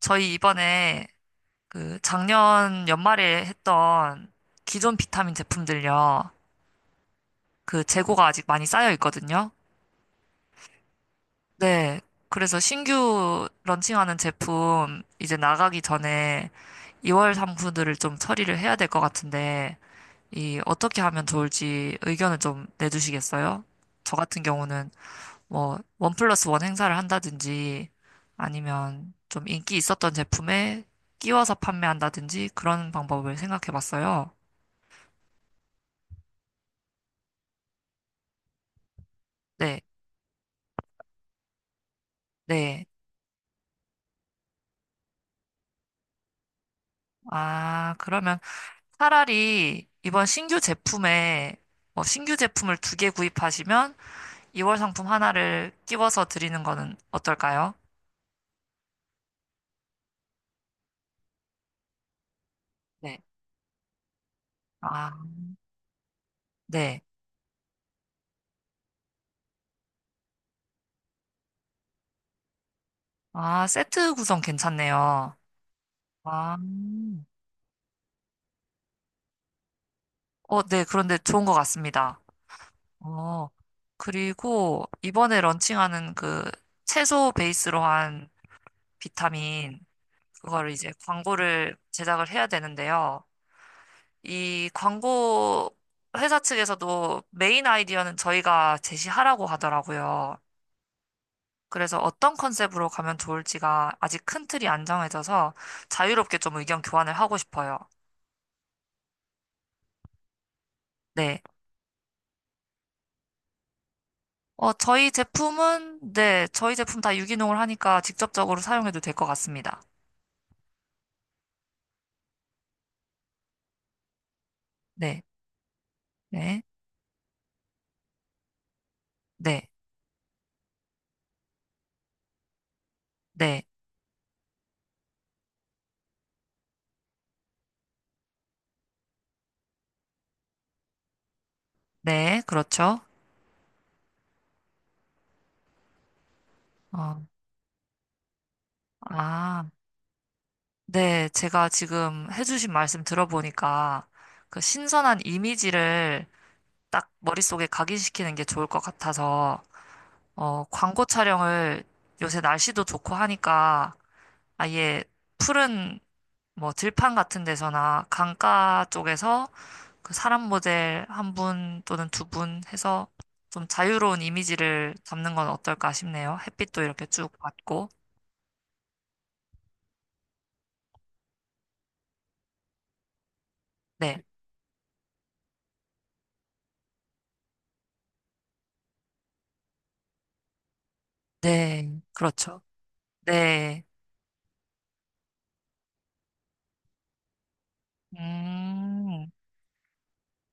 저희 이번에 그 작년 연말에 했던 기존 비타민 제품들요. 그 재고가 아직 많이 쌓여 있거든요. 네. 그래서 신규 런칭하는 제품 이제 나가기 전에 2월 상품들을 좀 처리를 해야 될 것 같은데, 이 어떻게 하면 좋을지 의견을 좀 내주시겠어요? 저 같은 경우는 뭐, 1+1 행사를 한다든지 아니면 좀 인기 있었던 제품에 끼워서 판매한다든지 그런 방법을 생각해 봤어요. 네, 네. 아, 그러면 차라리 이번 신규 제품에 뭐 신규 제품을 2개 구입하시면 2월 상품 하나를 끼워서 드리는 거는 어떨까요? 네. 아, 네. 아, 세트 구성 괜찮네요. 아, 네. 그런데 좋은 것 같습니다. 어, 그리고 이번에 런칭하는 그 채소 베이스로 한 비타민, 그거를 이제 광고를 제작을 해야 되는데요. 이 광고 회사 측에서도 메인 아이디어는 저희가 제시하라고 하더라고요. 그래서 어떤 컨셉으로 가면 좋을지가 아직 큰 틀이 안 정해져서 자유롭게 좀 의견 교환을 하고 싶어요. 네. 저희 제품은, 네, 저희 제품 다 유기농을 하니까 직접적으로 사용해도 될 것 같습니다. 네. 네. 네, 네, 네, 그렇죠. 어, 아, 네, 제가 지금 해주신 말씀 들어보니까 그 신선한 이미지를 딱 머릿속에 각인시키는 게 좋을 것 같아서, 광고 촬영을 요새 날씨도 좋고 하니까 아예 푸른 뭐 들판 같은 데서나 강가 쪽에서 그 사람 모델 한 분 또는 두 분 해서 좀 자유로운 이미지를 담는 건 어떨까 싶네요. 햇빛도 이렇게 쭉 받고, 네. 네, 그렇죠. 네. 음,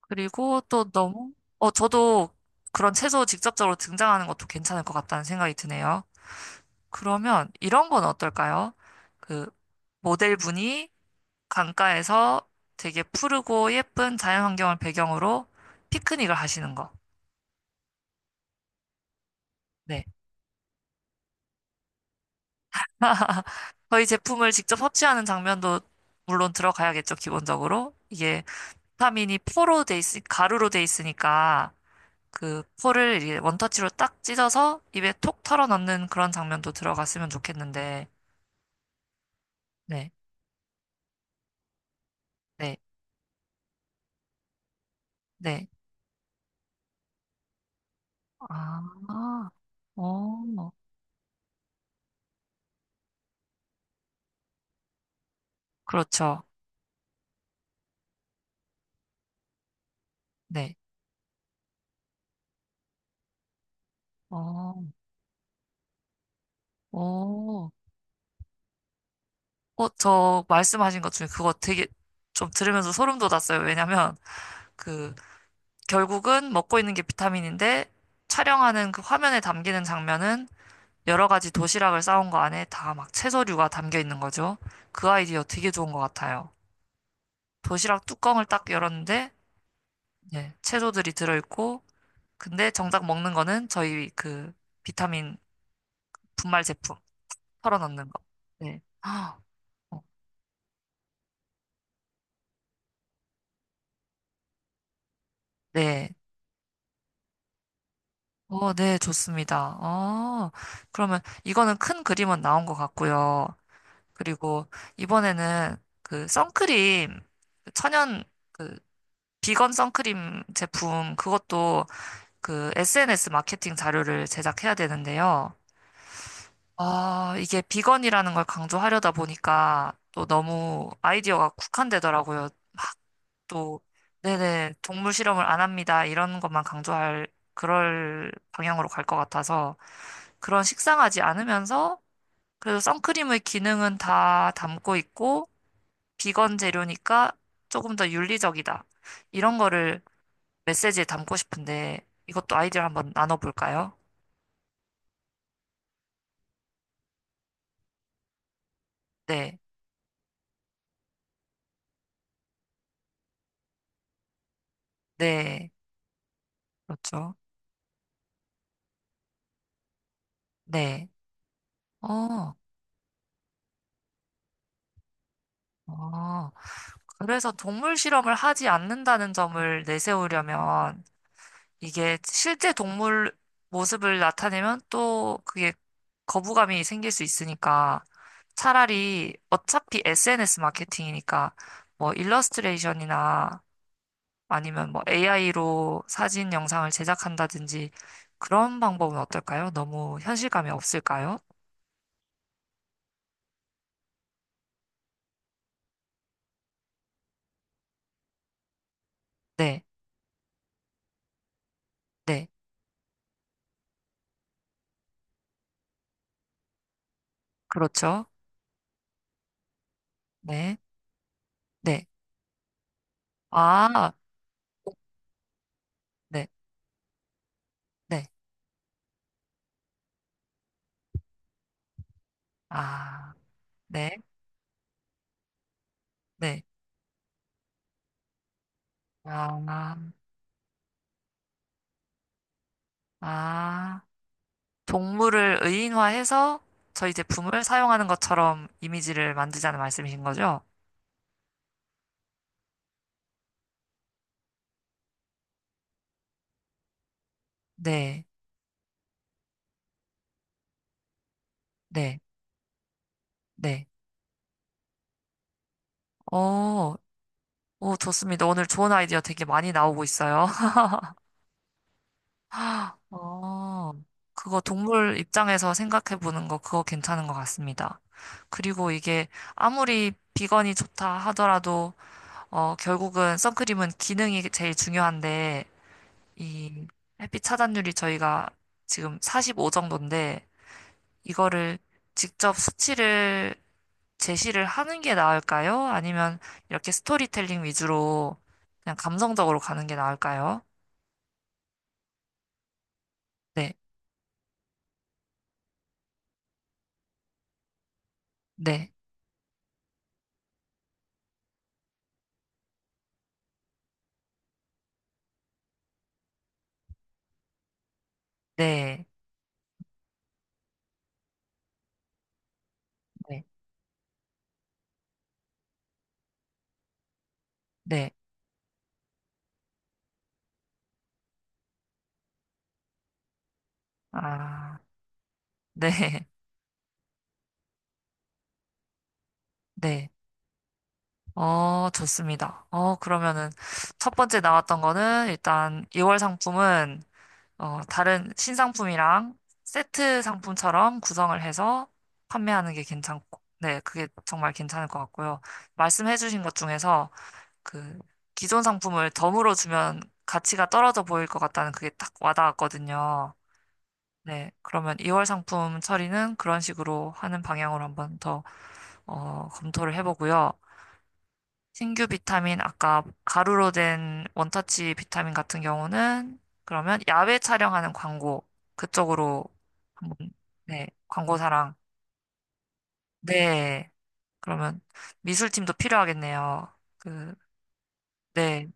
그리고 또 너무, 저도 그런 채소 직접적으로 등장하는 것도 괜찮을 것 같다는 생각이 드네요. 그러면 이런 건 어떨까요? 그, 모델분이 강가에서 되게 푸르고 예쁜 자연환경을 배경으로 피크닉을 하시는 거. 네. 저희 제품을 직접 섭취하는 장면도 물론 들어가야겠죠, 기본적으로. 이게 비타민이 포로 돼 있, 가루로 돼 있으니까. 그 포를 이렇게 원터치로 딱 찢어서 입에 톡 털어 넣는 그런 장면도 들어갔으면 좋겠는데, 네, 네, 네. 아, 어, 그렇죠. 네, 어, 어. 저 말씀하신 것 중에 그거 되게 좀 들으면서 소름 돋았어요. 왜냐면 그 결국은 먹고 있는 게 비타민인데 촬영하는 그 화면에 담기는 장면은 여러 가지 도시락을 싸온 거 안에 다 막 채소류가 담겨 있는 거죠. 그 아이디어 되게 좋은 것 같아요. 도시락 뚜껑을 딱 열었는데, 네, 채소들이 들어있고, 근데 정작 먹는 거는 저희 그 비타민 분말 제품 털어 넣는 거. 네. 아, 어, 네. 네, 좋습니다. 그러면 이거는 큰 그림은 나온 것 같고요. 그리고 이번에는 그 선크림, 그 천연 그 비건 선크림 제품 그것도 그 SNS 마케팅 자료를 제작해야 되는데요. 아, 이게 비건이라는 걸 강조하려다 보니까 또 너무 아이디어가 국한되더라고요. 막 또, 네네, 동물 실험을 안 합니다. 이런 것만 강조할 그럴 방향으로 갈 것 같아서 그런 식상하지 않으면서 그래도 선크림의 기능은 다 담고 있고 비건 재료니까 조금 더 윤리적이다. 이런 거를 메시지에 담고 싶은데 이것도 아이디어 한번 나눠볼까요? 네, 네, 그렇죠. 네. 어, 어. 그래서 동물 실험을 하지 않는다는 점을 내세우려면 이게 실제 동물 모습을 나타내면 또 그게 거부감이 생길 수 있으니까 차라리 어차피 SNS 마케팅이니까 뭐 일러스트레이션이나 아니면 뭐 AI로 사진 영상을 제작한다든지 그런 방법은 어떨까요? 너무 현실감이 없을까요? 네, 네, 그렇죠. 네, 네. 아, 네, 네. 아, 네. 네. 아, 아, 동물을 의인화해서 저희 제품을 사용하는 것처럼 이미지를 만들자는 말씀이신 거죠? 네, 네, 네. 어, 오, 좋습니다. 오늘 좋은 아이디어 되게 많이 나오고 있어요. 어, 그거 동물 입장에서 생각해 보는 거 그거 괜찮은 것 같습니다. 그리고 이게 아무리 비건이 좋다 하더라도 결국은 선크림은 기능이 제일 중요한데 이 햇빛 차단율이 저희가 지금 45 정도인데 이거를 직접 수치를 제시를 하는 게 나을까요? 아니면 이렇게 스토리텔링 위주로 그냥 감성적으로 가는 게 나을까요? 네, 네, 네, 네, 네, 아, 네, 네. 좋습니다. 그러면은 첫 번째 나왔던 거는 일단 2월 상품은 다른 신상품이랑 세트 상품처럼 구성을 해서 판매하는 게 괜찮고, 네, 그게 정말 괜찮을 것 같고요. 말씀해주신 것 중에서 그 기존 상품을 덤으로 주면 가치가 떨어져 보일 것 같다는 그게 딱 와닿았거든요. 네, 그러면 2월 상품 처리는 그런 식으로 하는 방향으로 한번 더, 검토를 해보고요. 신규 비타민, 아까 가루로 된 원터치 비타민 같은 경우는 그러면 야외 촬영하는 광고, 그쪽으로 한번, 네, 광고사랑, 네, 그러면 미술팀도 필요하겠네요. 그, 네,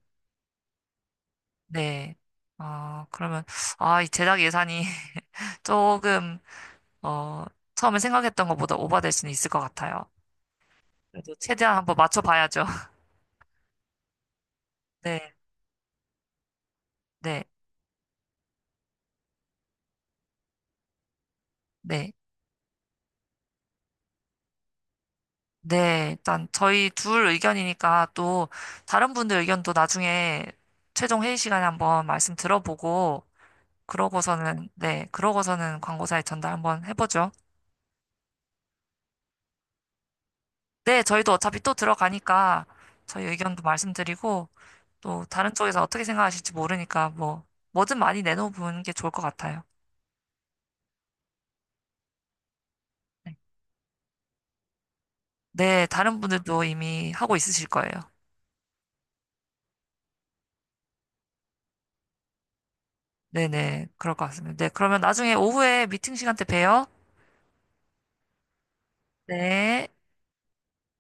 네. 그러면, 아, 이 제작 예산이 조금, 어, 처음에 생각했던 것보다 오버될 수는 있을 것 같아요. 그래도 최대한 한번 맞춰봐야죠. 네, 네, 네. 네, 일단 저희 둘 의견이니까 또 다른 분들 의견도 나중에 최종 회의 시간에 한번 말씀 들어보고 그러고서는 네, 그러고서는 광고사에 전달 한번 해보죠. 네, 저희도 어차피 또 들어가니까 저희 의견도 말씀드리고 또 다른 쪽에서 어떻게 생각하실지 모르니까 뭐 뭐든 많이 내놓는 게 좋을 것 같아요. 네, 네, 다른 분들도 이미 하고 있으실 거예요. 네네, 그럴 것 같습니다. 네, 그러면 나중에 오후에 미팅 시간 때 봬요. 네.